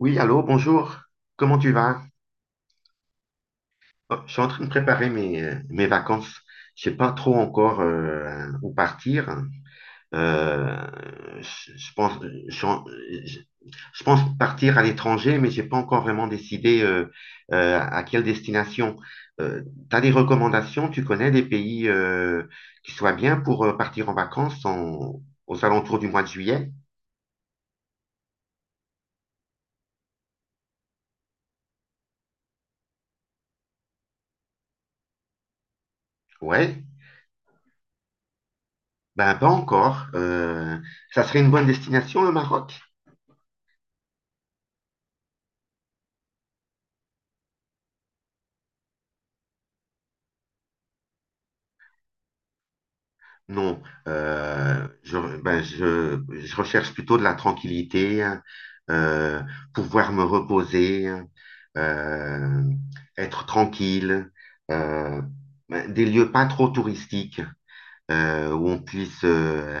Oui, allô, bonjour. Comment tu vas? Oh, je suis en train de préparer mes vacances. Je sais pas trop encore où partir. Euh, je, je pense, je, je- je pense partir à l'étranger, mais j'ai pas encore vraiment décidé à quelle destination. Euh, Tu des recommandations? Tu connais des pays qui soient bien pour partir en vacances aux alentours du mois de juillet? Ouais, ben pas encore. Ça serait une bonne destination, le Maroc? Non, ben, je recherche plutôt de la tranquillité, hein, euh, pouvoir me reposer, hein, euh, être tranquille, euh, ben, des lieux pas trop touristiques où on puisse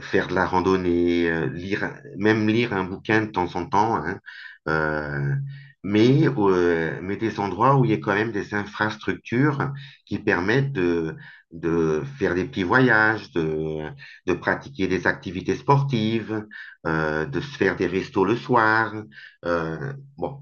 faire de la randonnée, lire, même lire un bouquin de temps en temps, hein, euh, mais des endroits où il y a quand même des infrastructures qui permettent de faire des petits voyages, de pratiquer des activités sportives, de se faire des restos le soir. Bon,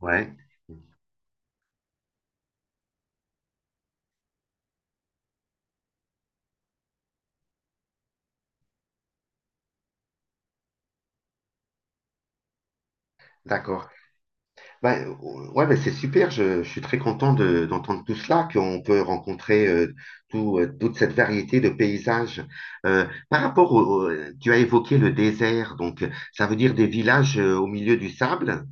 ouais, d'accord. Bah, ouais, bah, c'est super. Je suis très content d'entendre tout cela, qu'on peut rencontrer toute cette variété de paysages. Par rapport au, au- Tu as évoqué le désert, donc ça veut dire des villages au milieu du sable,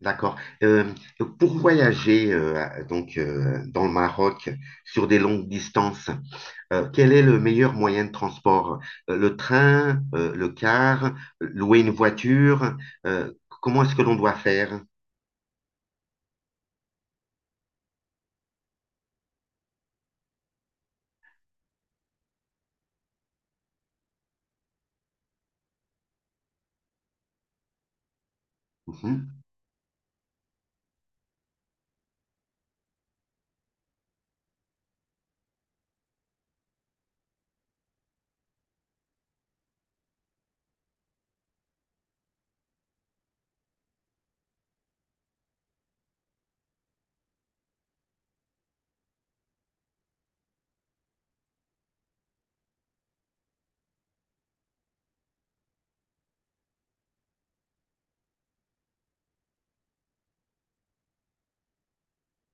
d'accord. Euh, pour voyager, donc, dans le Maroc sur des longues distances, quel est le meilleur moyen de transport? Le train, le car, louer une voiture, euh, comment est-ce que l'on doit faire? Mhm.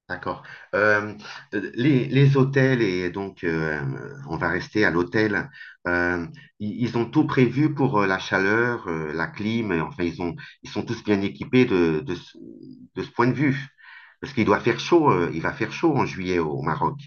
D'accord. Euh, les hôtels, et donc on va rester à l'hôtel, euh, ils ont tout prévu pour la chaleur, la clim, et enfin ils sont tous bien équipés de ce point de vue. Parce qu'il doit faire chaud, il va faire chaud en juillet au Maroc.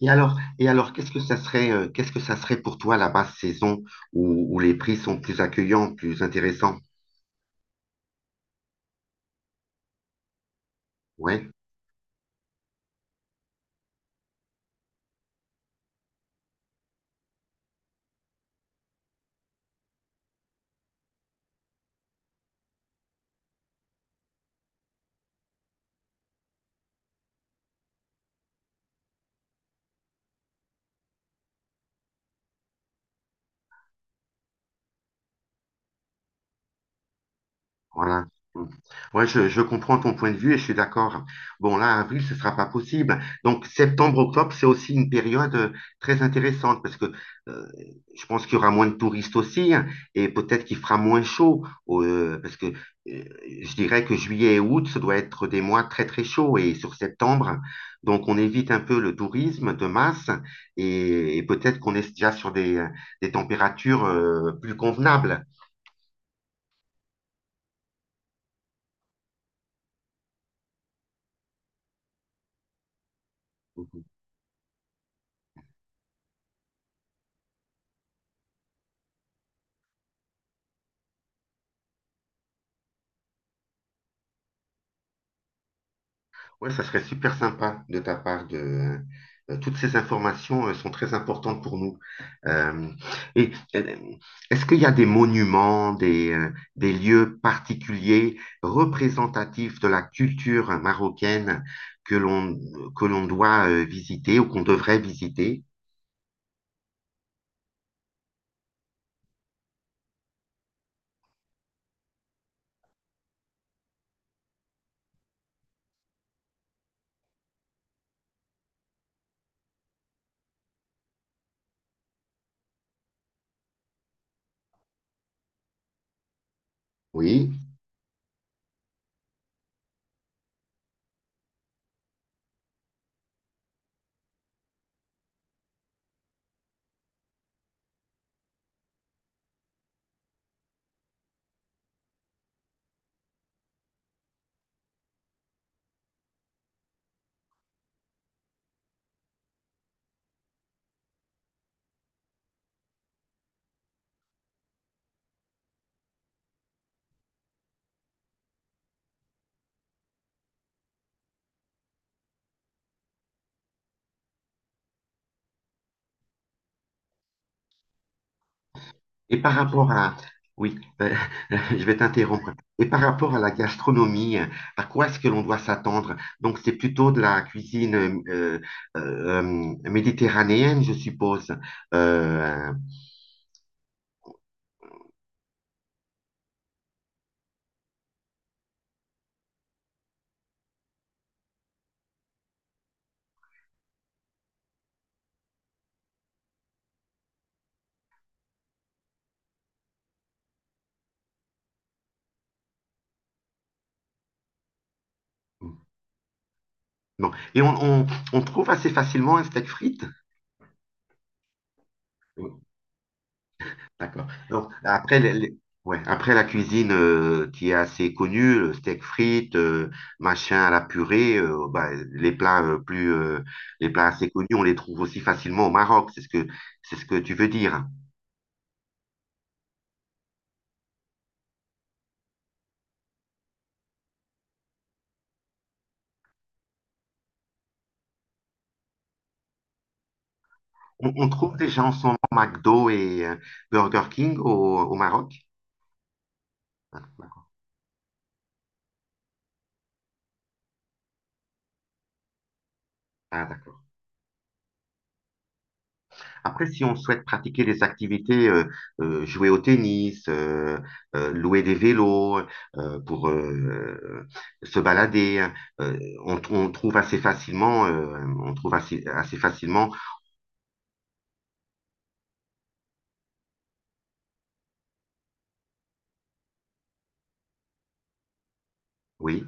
Et alors, qu'est-ce que ça serait, pour toi la basse saison où les prix sont plus accueillants, plus intéressants? Ouais. Voilà. Mm. Ouais, je comprends ton point de vue et je suis d'accord. Bon, là, avril, ce sera pas possible. Donc, septembre, octobre, c'est aussi une période très intéressante parce que euh, je pense qu'il y aura moins de touristes aussi, hein, et peut-être qu'il fera moins chaud parce que je dirais que juillet et août, ça doit être des mois très, très chauds et sur septembre. Donc, on évite un peu le tourisme de masse et peut-être qu'on est déjà sur des températures plus convenables. Ouais, ça serait super sympa de ta part de. Toutes ces informations sont très importantes pour nous. Euh, et euh, Est-ce qu'il y a des monuments, des lieux particuliers représentatifs de la culture marocaine que l'on que l'on doit visiter ou qu'on devrait visiter? Oui. Et par rapport à, oui, euh, je vais t'interrompre. Et par rapport à la gastronomie, à quoi est-ce que l'on doit s'attendre? Donc, c'est plutôt de la cuisine méditerranéenne, je suppose. Euh, non. Et on trouve assez facilement un steak frites. D'accord. Donc, après, ouais, après la cuisine qui est assez connue, le steak frites, machin à la purée, bah, les plats les plats assez connus, on les trouve aussi facilement au Maroc. C'est ce que tu veux dire. On trouve déjà en ce moment McDo et Burger King au Maroc. Ah, d'accord. Après, si on souhaite pratiquer des activités, jouer au tennis, louer des vélos pour se balader, euh, on trouve assez facilement, on trouve assez facilement, oui.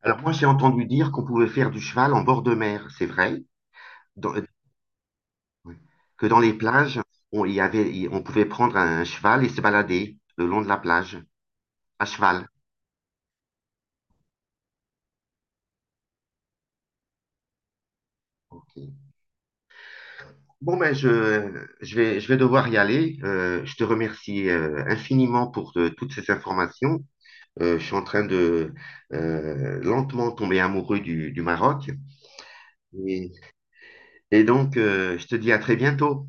Alors moi, j'ai entendu dire qu'on pouvait faire du cheval en bord de mer, c'est vrai. Dans- euh, que dans les plages, on, il y avait, il- on pouvait prendre un cheval et se balader le long de la plage, à cheval. Ok. Bon, ben je vais devoir y aller. Je te remercie infiniment pour toutes ces informations. Je suis en train de lentement tomber amoureux du Maroc. Et, et, donc, je te dis à très bientôt.